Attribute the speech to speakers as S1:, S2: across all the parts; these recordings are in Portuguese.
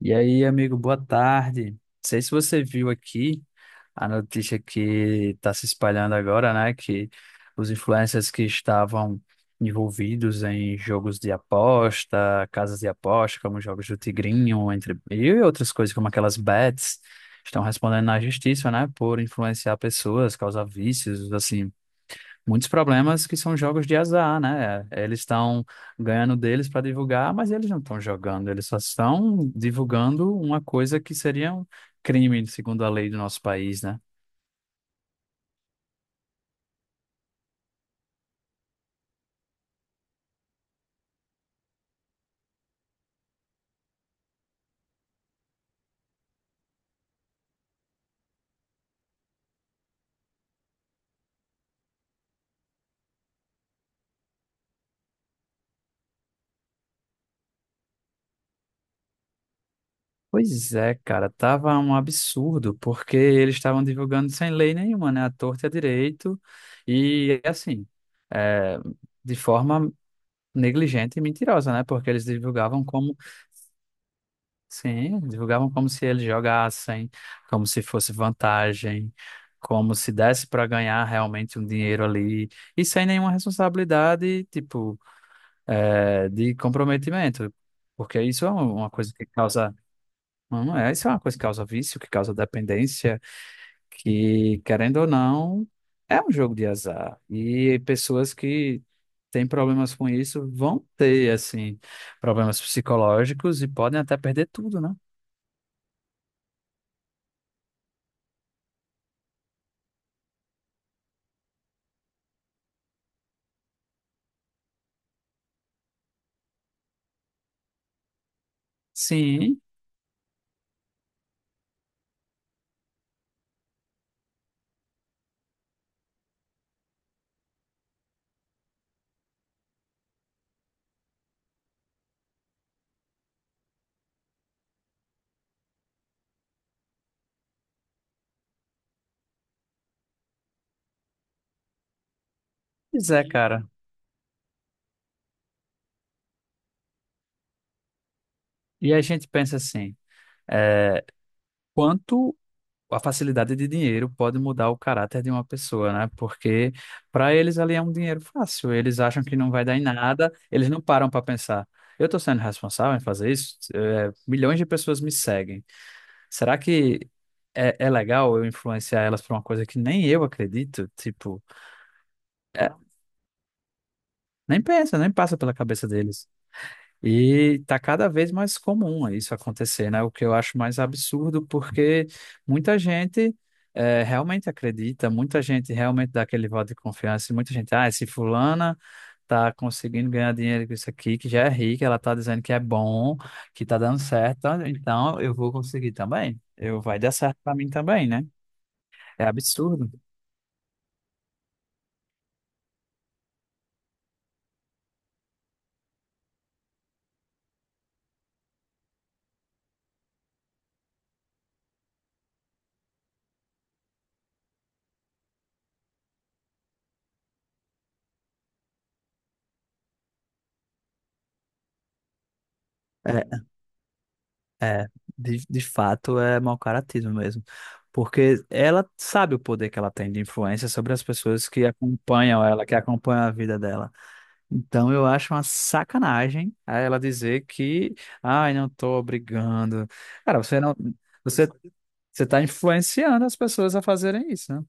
S1: E aí, amigo, boa tarde. Não sei se você viu aqui a notícia que está se espalhando agora, né? Que os influencers que estavam envolvidos em jogos de aposta, casas de aposta, como jogos do Tigrinho, entre e outras coisas como aquelas bets, estão respondendo na justiça, né? Por influenciar pessoas, causar vícios, assim, muitos problemas que são jogos de azar, né? Eles estão ganhando deles para divulgar, mas eles não estão jogando, eles só estão divulgando uma coisa que seria um crime, segundo a lei do nosso país, né? Pois é, cara, tava um absurdo, porque eles estavam divulgando sem lei nenhuma, né? A torta e a direito, e assim, é, de forma negligente e mentirosa, né? Porque eles divulgavam como... Sim, divulgavam como se eles jogassem, como se fosse vantagem, como se desse para ganhar realmente um dinheiro ali, e sem nenhuma responsabilidade, tipo, de comprometimento, porque uma coisa que causa, não é, isso é uma coisa que causa vício, que causa dependência, que, querendo ou não, é um jogo de azar, e pessoas que têm problemas com isso vão ter, assim, problemas psicológicos e podem até perder tudo, né? Sim, pois é, cara. E a gente pensa assim, é, quanto a facilidade de dinheiro pode mudar o caráter de uma pessoa, né? Porque para eles ali é um dinheiro fácil, eles acham que não vai dar em nada, eles não param para pensar. Eu estou sendo responsável em fazer isso? É, milhões de pessoas me seguem. Será que é legal eu influenciar elas para uma coisa que nem eu acredito? Tipo, é, nem pensa, nem passa pela cabeça deles. E tá cada vez mais comum isso acontecer, né? O que eu acho mais absurdo, porque muita gente realmente acredita, muita gente realmente dá aquele voto de confiança, e muita gente, ah, se fulana tá conseguindo ganhar dinheiro com isso aqui, que já é rica, ela tá dizendo que é bom, que tá dando certo, então eu vou conseguir também. Eu, vai dar certo para mim também, né? É absurdo. É, de fato é mau caratismo mesmo. Porque ela sabe o poder que ela tem de influência sobre as pessoas que acompanham ela, que acompanham a vida dela. Então eu acho uma sacanagem a ela dizer que, ai, não tô brigando. Cara, você não, você, você tá influenciando as pessoas a fazerem isso, né?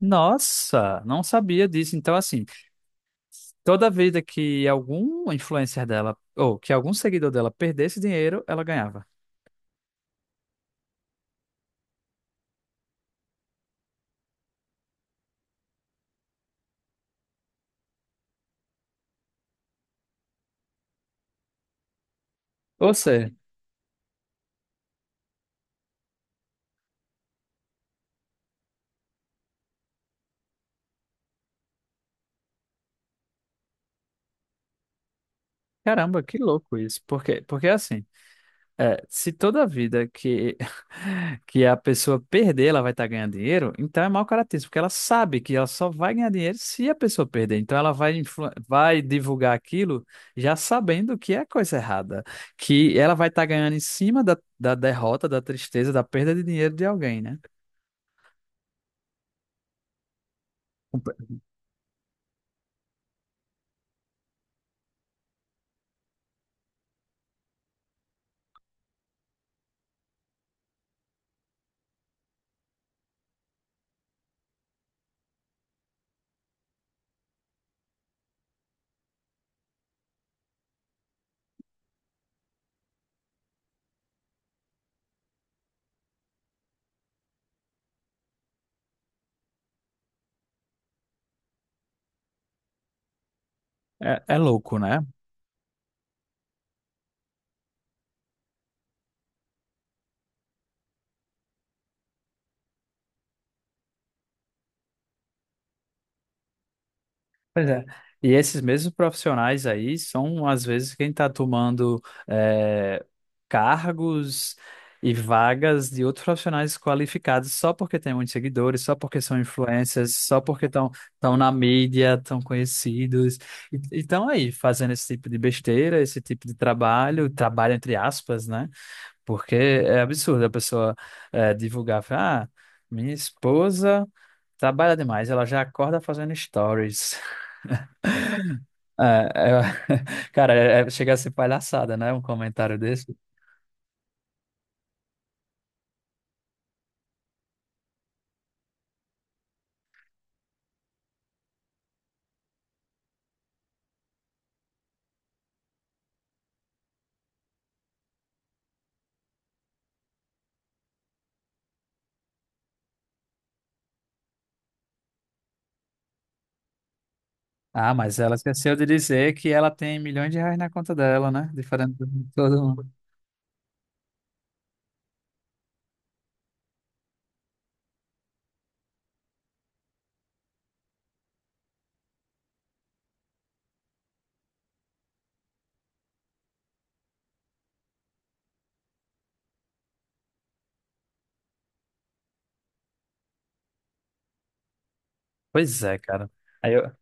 S1: Nossa, não sabia disso. Então, assim, toda vida que algum influencer dela, ou que algum seguidor dela perdesse dinheiro, ela ganhava. Ou seja. Caramba, que louco isso. Porque assim, é, se toda vida que, que a pessoa perder, ela vai estar ganhando dinheiro, então é mau caratismo, porque ela sabe que ela só vai ganhar dinheiro se a pessoa perder. Então ela vai, influ- vai divulgar aquilo já sabendo que é coisa errada, que ela vai estar ganhando em cima da derrota, da tristeza, da perda de dinheiro de alguém, né? É, é louco, né? Pois é. E esses mesmos profissionais aí são, às vezes, quem está tomando eh, cargos e vagas de outros profissionais qualificados só porque tem muitos seguidores, só porque são influencers, só porque estão na mídia, estão conhecidos. E estão aí fazendo esse tipo de besteira, esse tipo de trabalho, trabalho entre aspas, né? Porque é absurdo a pessoa divulgar, falar, ah, minha esposa. Trabalha demais, ela já acorda fazendo stories. É, cara, chega a ser palhaçada, né? Um comentário desse. Ah, mas ela esqueceu de dizer que ela tem milhões de reais na conta dela, né? Diferente de todo mundo. Pois é, cara. Aí eu...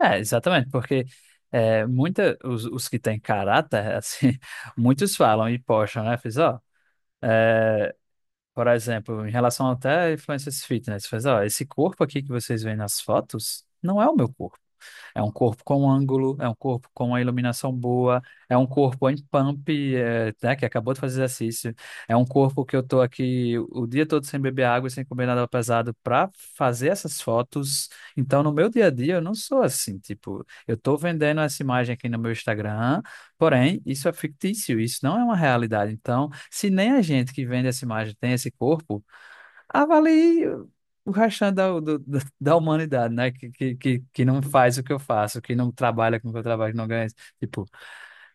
S1: É, exatamente, porque os que têm caráter, assim, muitos falam e postam, né? Fiz, ó, é, por exemplo, em relação até a influencers fitness, fez, ó, esse corpo aqui que vocês veem nas fotos não é o meu corpo. É um corpo com ângulo, é um corpo com a iluminação boa, é um corpo em pump, é, né, que acabou de fazer exercício. É um corpo que eu tô aqui o dia todo sem beber água e sem comer nada pesado para fazer essas fotos. Então, no meu dia a dia, eu não sou assim, tipo, eu tô vendendo essa imagem aqui no meu Instagram, porém, isso é fictício, isso não é uma realidade. Então, se nem a gente que vende essa imagem tem esse corpo, avalie o restante da da humanidade, né? Que não faz o que eu faço, que não trabalha com o que eu trabalho, que não ganha. Tipo,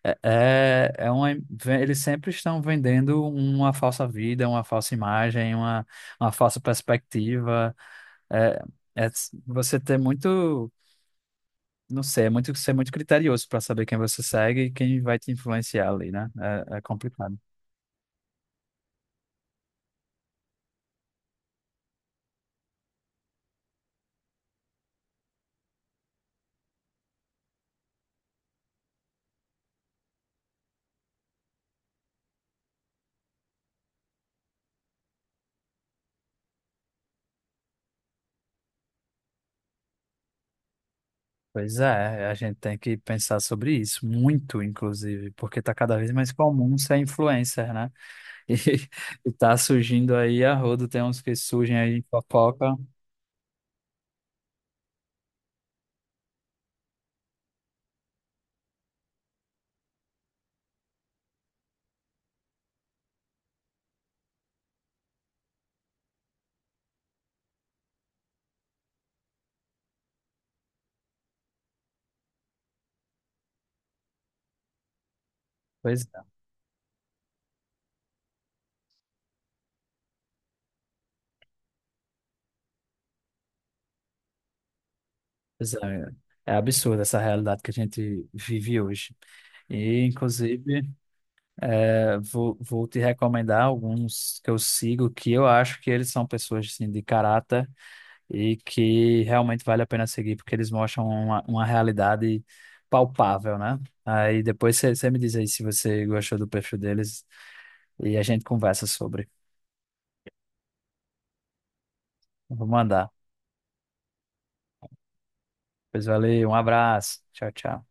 S1: é uma, ve- eles sempre estão vendendo uma falsa vida, uma falsa imagem, uma falsa perspectiva. É, é s- você ter muito, não sei, ser muito criterioso para saber quem você segue e quem vai te influenciar ali, né? É, é complicado. Pois é, a gente tem que pensar sobre isso, muito, inclusive, porque está cada vez mais comum ser influencer, né? E, e tá surgindo aí a rodo, tem uns que surgem aí em fofoca. Pois é, pois é, é absurda essa realidade que a gente vive hoje. E, inclusive, é, vou te recomendar alguns que eu sigo, que eu acho que eles são pessoas assim, de caráter e que realmente vale a pena seguir, porque eles mostram uma realidade palpável, né? Aí depois você me diz aí se você gostou do perfil deles e a gente conversa sobre. Eu vou mandar. Pois valeu, um abraço. Tchau, tchau.